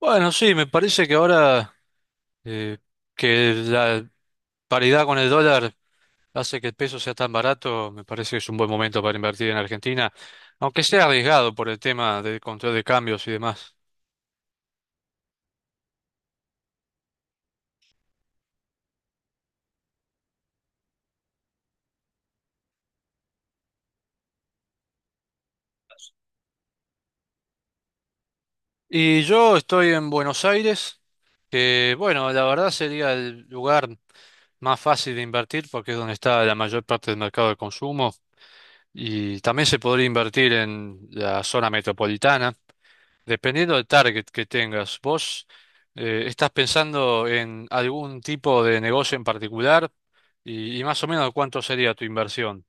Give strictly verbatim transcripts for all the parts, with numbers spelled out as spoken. Bueno, sí, me parece que ahora eh, que la paridad con el dólar hace que el peso sea tan barato. Me parece que es un buen momento para invertir en Argentina, aunque sea arriesgado por el tema del control de cambios y demás. Y yo estoy en Buenos Aires, que bueno, la verdad sería el lugar más fácil de invertir porque es donde está la mayor parte del mercado de consumo, y también se podría invertir en la zona metropolitana. Dependiendo del target que tengas, ¿vos eh, estás pensando en algún tipo de negocio en particular? Y, y más o menos cuánto sería tu inversión.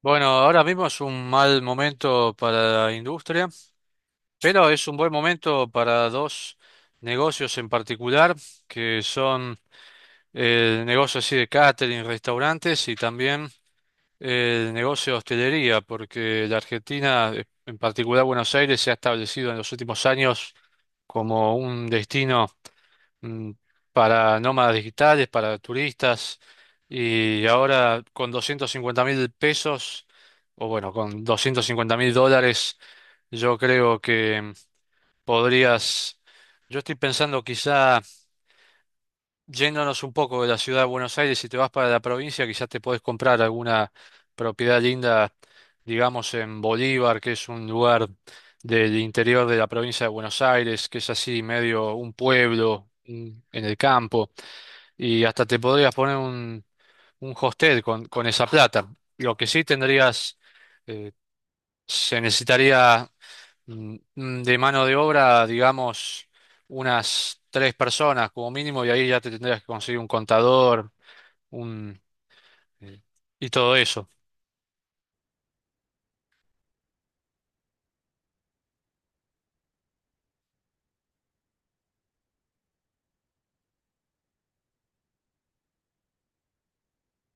Bueno, ahora mismo es un mal momento para la industria, pero es un buen momento para dos negocios en particular, que son el negocio así de catering, restaurantes, y también el negocio de hostelería, porque la Argentina, en particular Buenos Aires, se ha establecido en los últimos años como un destino mm, para nómadas digitales, para turistas, y ahora con doscientos cincuenta mil pesos, o bueno, con doscientos cincuenta mil dólares, yo creo que podrías. Yo estoy pensando quizá yéndonos un poco de la ciudad de Buenos Aires, si te vas para la provincia, quizás te podés comprar alguna propiedad linda, digamos, en Bolívar, que es un lugar del interior de la provincia de Buenos Aires, que es así medio un pueblo un- en el campo, y hasta te podrías poner un, un hostel con, con esa plata. Lo que sí tendrías, eh, se necesitaría, mm, mm, de mano de obra, digamos, unas tres personas como mínimo, y ahí ya te tendrías que conseguir un contador, un eh, y todo eso.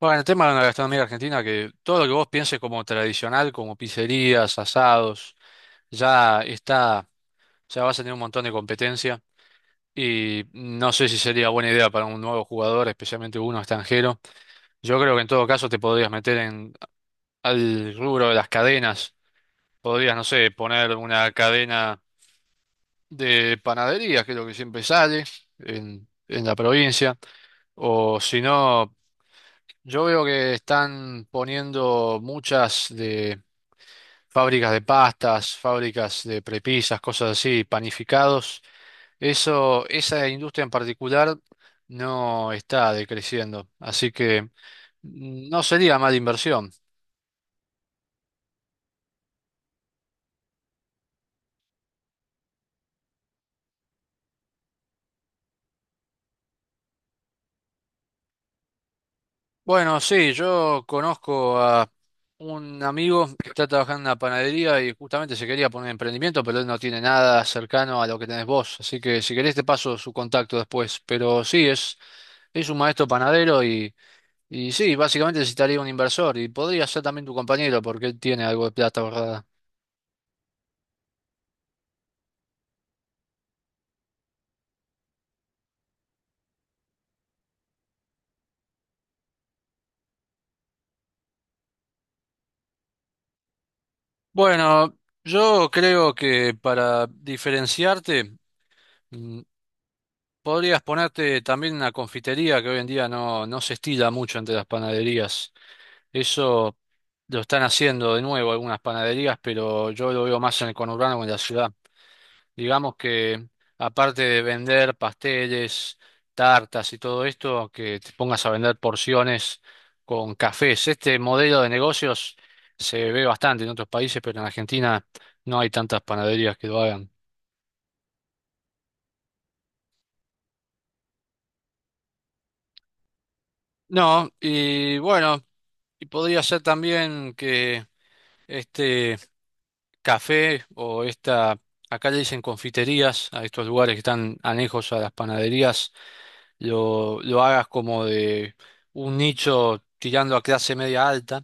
Bueno, el tema de la gastronomía argentina, que todo lo que vos pienses como tradicional, como pizzerías, asados, ya está, ya vas a tener un montón de competencia. Y no sé si sería buena idea para un nuevo jugador, especialmente uno extranjero. Yo creo que en todo caso te podrías meter en al rubro de las cadenas. Podrías, no sé, poner una cadena de panadería, que es lo que siempre sale en, en la provincia. O si no, yo veo que están poniendo muchas de fábricas de pastas, fábricas de prepisas, cosas así, panificados. Eso, esa industria en particular no está decreciendo, así que mm, no sería mala inversión. Bueno, sí, yo conozco a un amigo que está trabajando en una panadería y justamente se quería poner emprendimiento, pero él no tiene nada cercano a lo que tenés vos. Así que si querés te paso su contacto después. Pero sí, es, es un maestro panadero y, y sí, básicamente necesitaría un inversor y podría ser también tu compañero porque él tiene algo de plata ahorrada. Bueno, yo creo que para diferenciarte, mm, podrías ponerte también una confitería que hoy en día no, no se estila mucho entre las panaderías. Eso lo están haciendo de nuevo algunas panaderías, pero yo lo veo más en el conurbano o en la ciudad. Digamos que aparte de vender pasteles, tartas y todo esto, que te pongas a vender porciones con cafés. Este modelo de negocios se ve bastante en otros países, pero en Argentina no hay tantas panaderías que lo hagan. No, y bueno, y podría ser también que este café o esta, acá le dicen confiterías, a estos lugares que están anejos a las panaderías, lo, lo hagas como de un nicho tirando a clase media alta.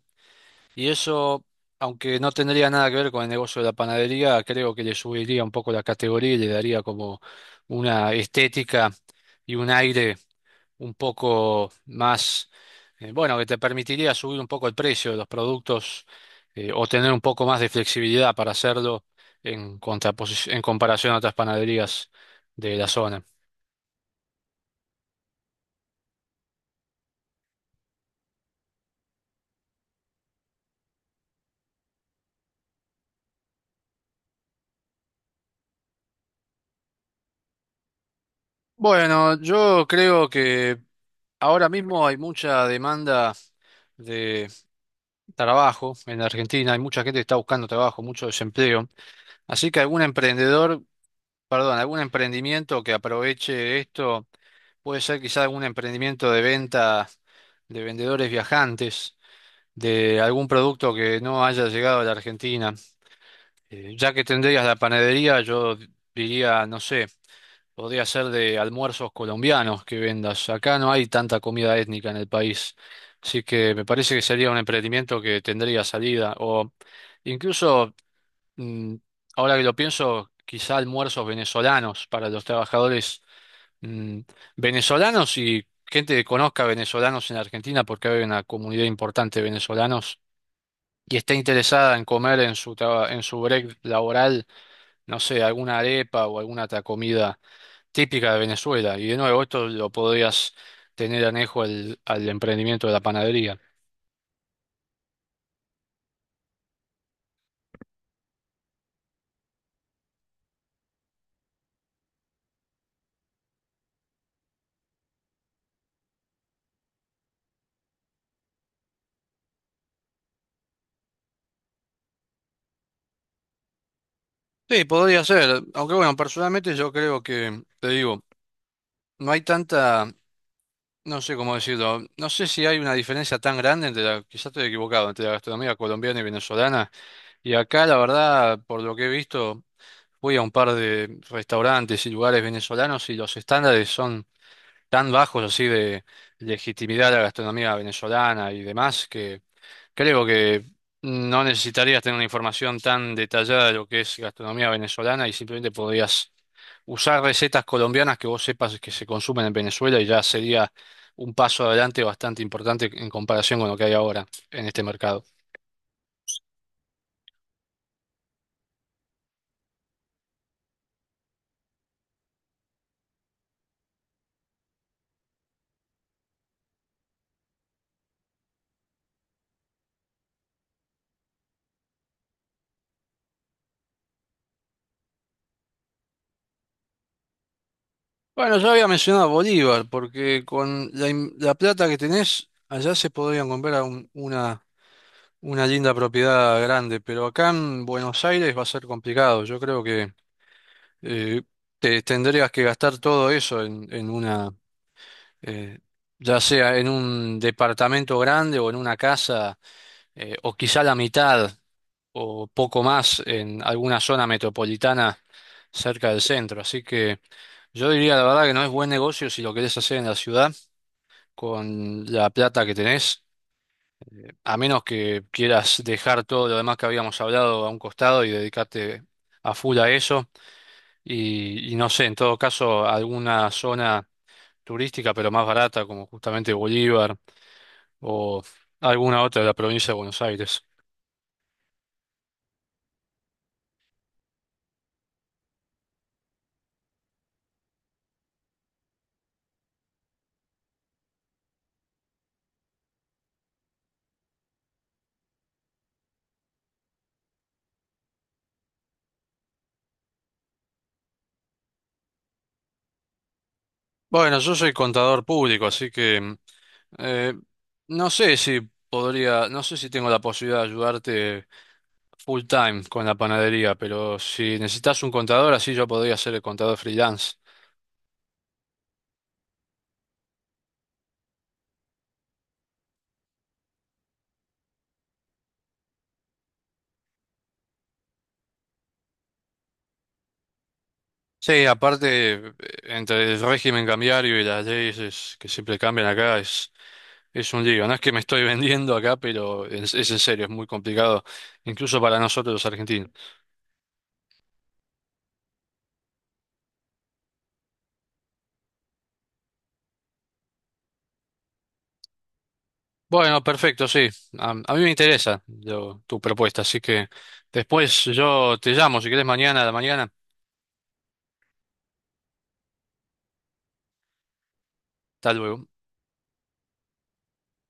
Y eso, aunque no tendría nada que ver con el negocio de la panadería, creo que le subiría un poco la categoría y le daría como una estética y un aire un poco más, eh, bueno, que te permitiría subir un poco el precio de los productos, eh, o tener un poco más de flexibilidad para hacerlo en contraposi- en comparación a otras panaderías de la zona. Bueno, yo creo que ahora mismo hay mucha demanda de trabajo en la Argentina, hay mucha gente que está buscando trabajo, mucho desempleo, así que algún emprendedor, perdón, algún emprendimiento que aproveche esto puede ser quizá algún emprendimiento de venta de vendedores viajantes, de algún producto que no haya llegado a la Argentina. Eh, ya que tendrías la panadería, yo diría, no sé, podría ser de almuerzos colombianos que vendas. Acá no hay tanta comida étnica en el país, así que me parece que sería un emprendimiento que tendría salida. O incluso, mm, ahora que lo pienso, quizá almuerzos venezolanos para los trabajadores, mm, venezolanos y gente que conozca venezolanos en Argentina, porque hay una comunidad importante de venezolanos y está interesada en comer en su traba- en su break laboral, no sé, alguna arepa o alguna otra comida típica de Venezuela. Y de nuevo, esto lo podrías tener anejo al, al emprendimiento de la panadería. Sí, podría ser, aunque bueno, personalmente yo creo que, te digo, no hay tanta, no sé cómo decirlo, no sé si hay una diferencia tan grande entre la, quizás estoy equivocado, entre la gastronomía colombiana y venezolana. Y acá, la verdad, por lo que he visto, voy a un par de restaurantes y lugares venezolanos y los estándares son tan bajos así de legitimidad a la gastronomía venezolana y demás, que creo que no necesitarías tener una información tan detallada de lo que es gastronomía venezolana, y simplemente podrías usar recetas colombianas que vos sepas que se consumen en Venezuela, y ya sería un paso adelante bastante importante en comparación con lo que hay ahora en este mercado. Bueno, yo había mencionado Bolívar, porque con la, in- la plata que tenés, allá se podrían comprar un- una, una linda propiedad grande, pero acá en Buenos Aires va a ser complicado. Yo creo que eh, te tendrías que gastar todo eso en, en una, eh, ya sea en un departamento grande o en una casa, eh, o quizá la mitad o poco más en alguna zona metropolitana cerca del centro. Así que yo diría la verdad que no es buen negocio si lo querés hacer en la ciudad, con la plata que tenés, a menos que quieras dejar todo lo demás que habíamos hablado a un costado y dedicarte a full a eso. Y, y no sé, en todo caso, alguna zona turística pero más barata, como justamente Bolívar o alguna otra de la provincia de Buenos Aires. Bueno, yo soy contador público, así que eh, no sé si podría, no sé si tengo la posibilidad de ayudarte full time con la panadería, pero si necesitas un contador, así yo podría ser el contador freelance. Sí, aparte, eh, entre el régimen cambiario y las leyes que siempre cambian acá, es, es un lío. No es que me estoy vendiendo acá, pero es, es en serio, es muy complicado, incluso para nosotros los argentinos. Bueno, perfecto, sí. A, a mí me interesa lo- tu propuesta, así que después yo te llamo, si querés, mañana a la mañana. Hasta luego.